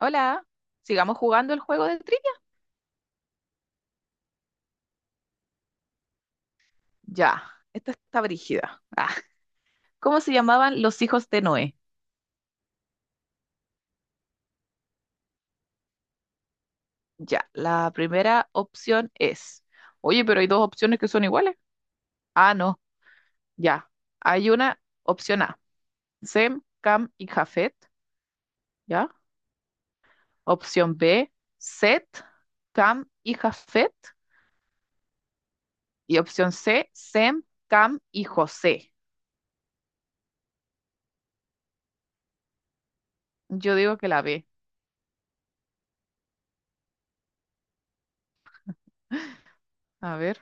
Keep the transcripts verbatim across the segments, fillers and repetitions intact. Hola, sigamos jugando el juego de trivia. Ya, esta está brígida. Ah, ¿cómo se llamaban los hijos de Noé? Ya, la primera opción es. Oye, pero hay dos opciones que son iguales. Ah, no, ya. Hay una opción A, Sem, Cam y Jafet. Ya. Opción B, Set, Cam y Jafet. Y opción C, Sem, Cam y José. Yo digo que la B. A ver,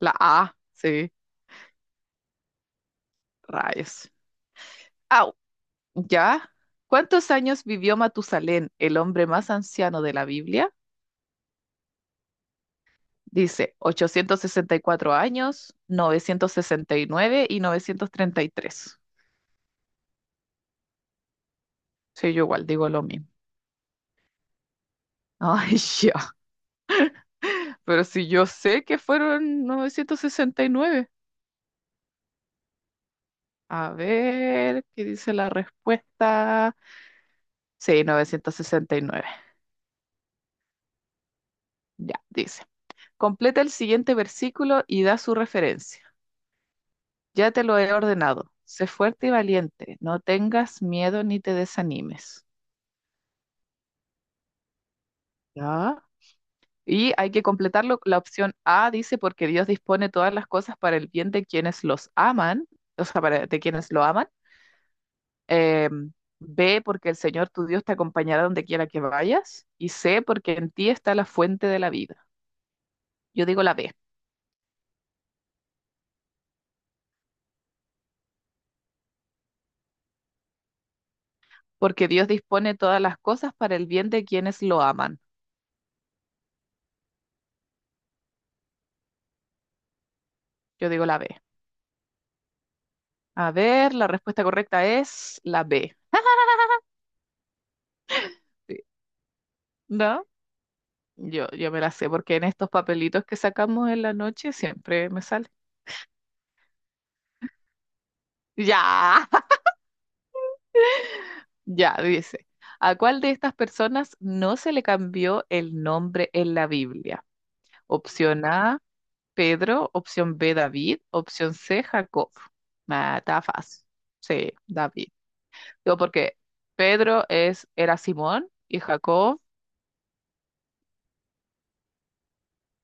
la A, sí, rayos. Ah, ¿Ya? ¿Cuántos años vivió Matusalén, el hombre más anciano de la Biblia? Dice ochocientos sesenta y cuatro años, novecientos sesenta y novecientos treinta y tres. Sí, yo igual digo lo mismo. Ay, ya. Pero si yo sé que fueron novecientos sesenta y nueve. A ver, ¿qué dice la respuesta? Sí, novecientos sesenta y nueve. Ya, dice. Completa el siguiente versículo y da su referencia. Ya te lo he ordenado. Sé fuerte y valiente. No tengas miedo ni te desanimes. ¿Ya? Y hay que completarlo. La opción A dice, porque Dios dispone todas las cosas para el bien de quienes los aman, o sea, para, de quienes lo aman. Eh, B, porque el Señor tu Dios te acompañará donde quiera que vayas. Y C, porque en ti está la fuente de la vida. Yo digo la B, porque Dios dispone todas las cosas para el bien de quienes lo aman. Yo digo la B. A ver, la respuesta correcta es la B. Sí. ¿No? Yo, yo me la sé porque en estos papelitos que sacamos en la noche siempre me sale. Ya, ya, dice. ¿A cuál de estas personas no se le cambió el nombre en la Biblia? Opción A, Pedro. Opción B, David. Opción C, Jacob. Ah, está fácil. Sí, David. Yo porque Pedro es, era Simón y Jacob,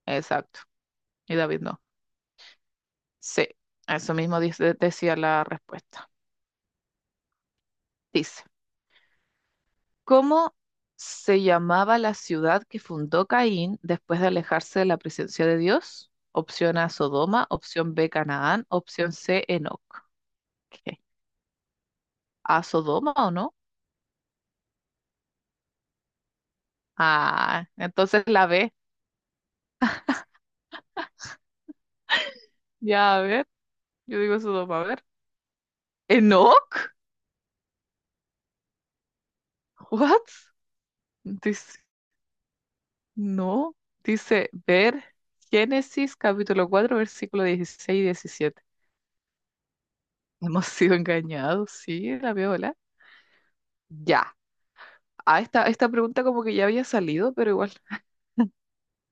exacto. Y David no. Sí, eso mismo dice- decía la respuesta. Dice. ¿Cómo se llamaba la ciudad que fundó Caín después de alejarse de la presencia de Dios? Opción A, Sodoma, opción B, Canaán, opción C, Enoc. ¿Qué? ¿A Sodoma o no? Ah, entonces la B. Ya, a ver, yo digo Sodoma, a ver. ¿Enoc? ¿What? Dice, no, dice ver Génesis capítulo cuatro versículo dieciséis y diecisiete. Hemos sido engañados, sí, la viola. Ya. Ah, esta, esta pregunta como que ya había salido, pero igual.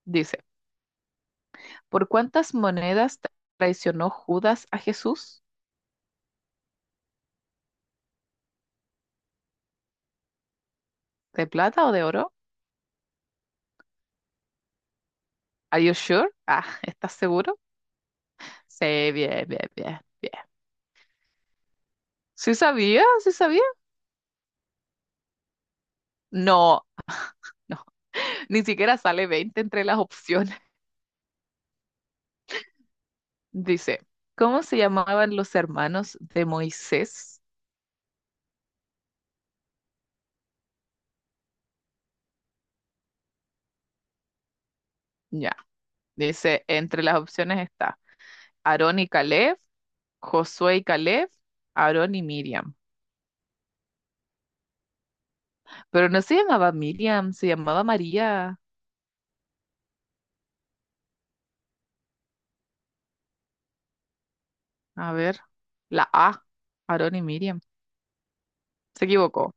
Dice, ¿por cuántas monedas traicionó Judas a Jesús? ¿De plata o de oro? ¿Are you sure? Ah, ¿estás seguro? Sí, bien, bien, bien, bien. ¿Sí sabía? ¿Sí sabía? No, no. Ni siquiera sale veinte entre las opciones. Dice, ¿cómo se llamaban los hermanos de Moisés? Ya. Dice, entre las opciones está Aarón y Caleb, Josué y Caleb, Aarón y Miriam. Pero no se llamaba Miriam, se llamaba María. A ver, la A, Aarón y Miriam. Se equivocó.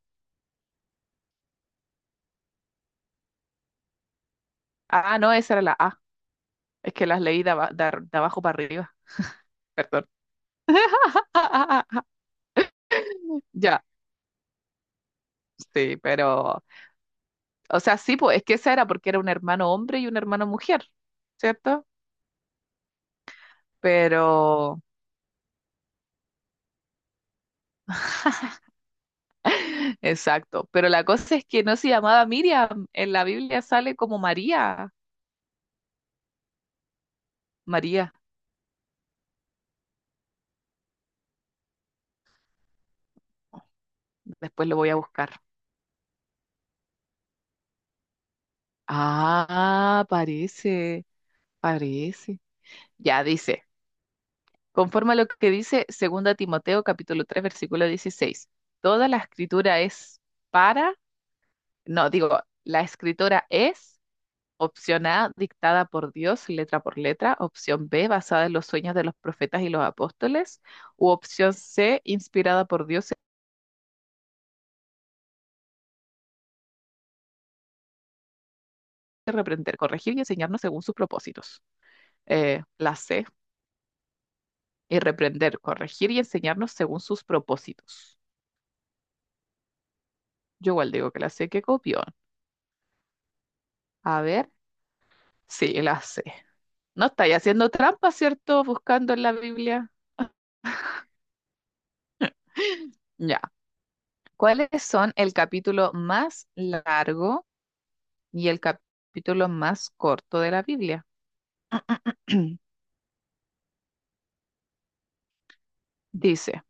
Ah, no, esa era la A. Es que las leí de, aba- de ar- de abajo para arriba. Perdón. Ya, sí, pero, o sea, sí, pues es que esa era porque era un hermano hombre y un hermano mujer, ¿cierto? Pero, exacto, pero la cosa es que no se llamaba Miriam, en la Biblia sale como María. María, después lo voy a buscar. Ah, parece, parece. Ya dice, conforme a lo que dice Segunda Timoteo capítulo tres versículo dieciséis. Toda la escritura es para, no, digo, la escritura es opción A, dictada por Dios letra por letra, opción B, basada en los sueños de los profetas y los apóstoles, u opción C, inspirada por Dios, de reprender, corregir y enseñarnos según sus propósitos. Eh, la C, y reprender, corregir y enseñarnos según sus propósitos. Yo igual digo que la C, que copió. A ver, sí, la sé. No estáis haciendo trampa, ¿cierto? Buscando en la Biblia. Ya. ¿Cuáles son el capítulo más largo y el capítulo más corto de la Biblia? Dice,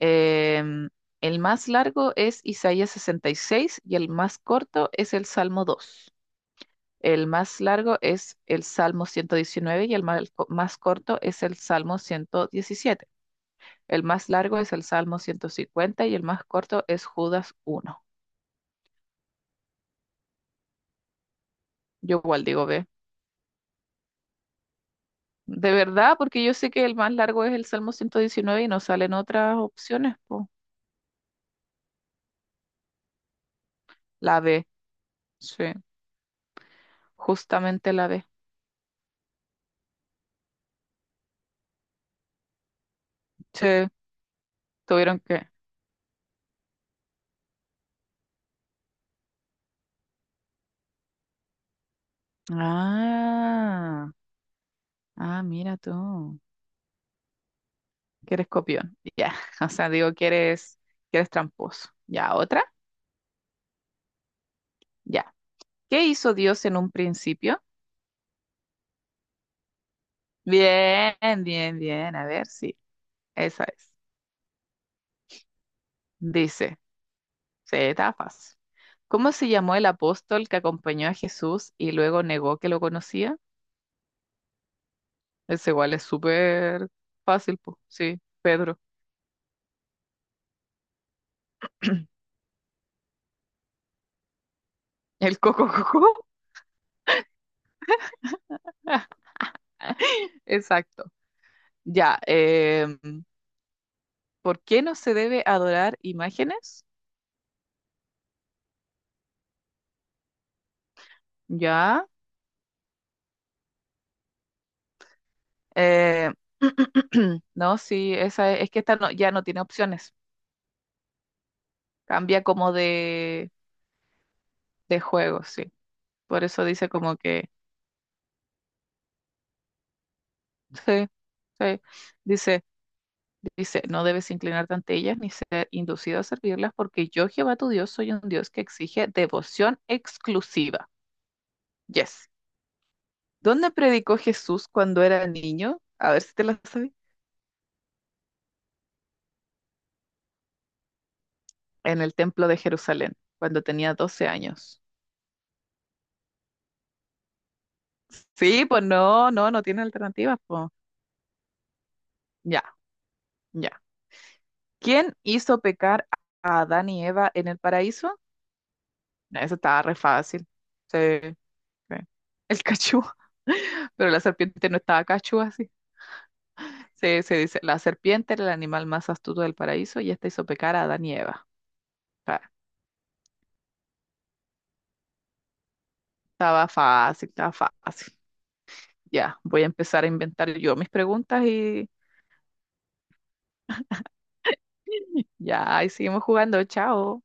em, el más largo es Isaías sesenta y seis y el más corto es el Salmo dos. El más largo es el Salmo ciento diecinueve y el mal- co- más, corto es el Salmo ciento diecisiete. El más largo es el Salmo ciento cincuenta y el más corto es Judas uno. Yo igual digo B. De verdad, porque yo sé que el más largo es el Salmo ciento diecinueve y no salen otras opciones, po. La B, sí, justamente la B. Sí, tuvieron que. Ah, ah, mira tú, que eres copión. Ya, o sea, digo que eres, que eres tramposo. Ya, otra, ya. ¿Qué hizo Dios en un principio? Bien, bien, bien. A ver, sí, esa es. Dice. Sí, estaba fácil. ¿Cómo se llamó el apóstol que acompañó a Jesús y luego negó que lo conocía? Ese igual es súper fácil, pues. Sí, Pedro. El coco coco. Exacto. Ya. Em, ¿por qué no se debe adorar imágenes? Ya. eh, no, sí, esa es, es que esta no- ya no tiene opciones. Cambia como de, de juego, sí. Por eso dice como que. Sí, sí. Dice. Dice, no debes inclinarte ante ellas ni ser inducido a servirlas, porque yo, Jehová tu Dios, soy un Dios que exige devoción exclusiva. Yes. ¿Dónde predicó Jesús cuando era niño? A ver si te la sabes. En el templo de Jerusalén, cuando tenía doce años. Sí, pues no, no, no tiene alternativa. Pues. Ya, ya. ¿Quién hizo pecar a Adán y Eva en el paraíso? No, eso estaba re fácil. Sí, sí. El cachú. Pero la serpiente no estaba cachú así. Se, se dice, la serpiente era el animal más astuto del paraíso y esta hizo pecar a Adán y Eva. Ah, estaba fácil, estaba fácil. Ya, voy a empezar a inventar yo mis preguntas y ya, y seguimos jugando. Chao.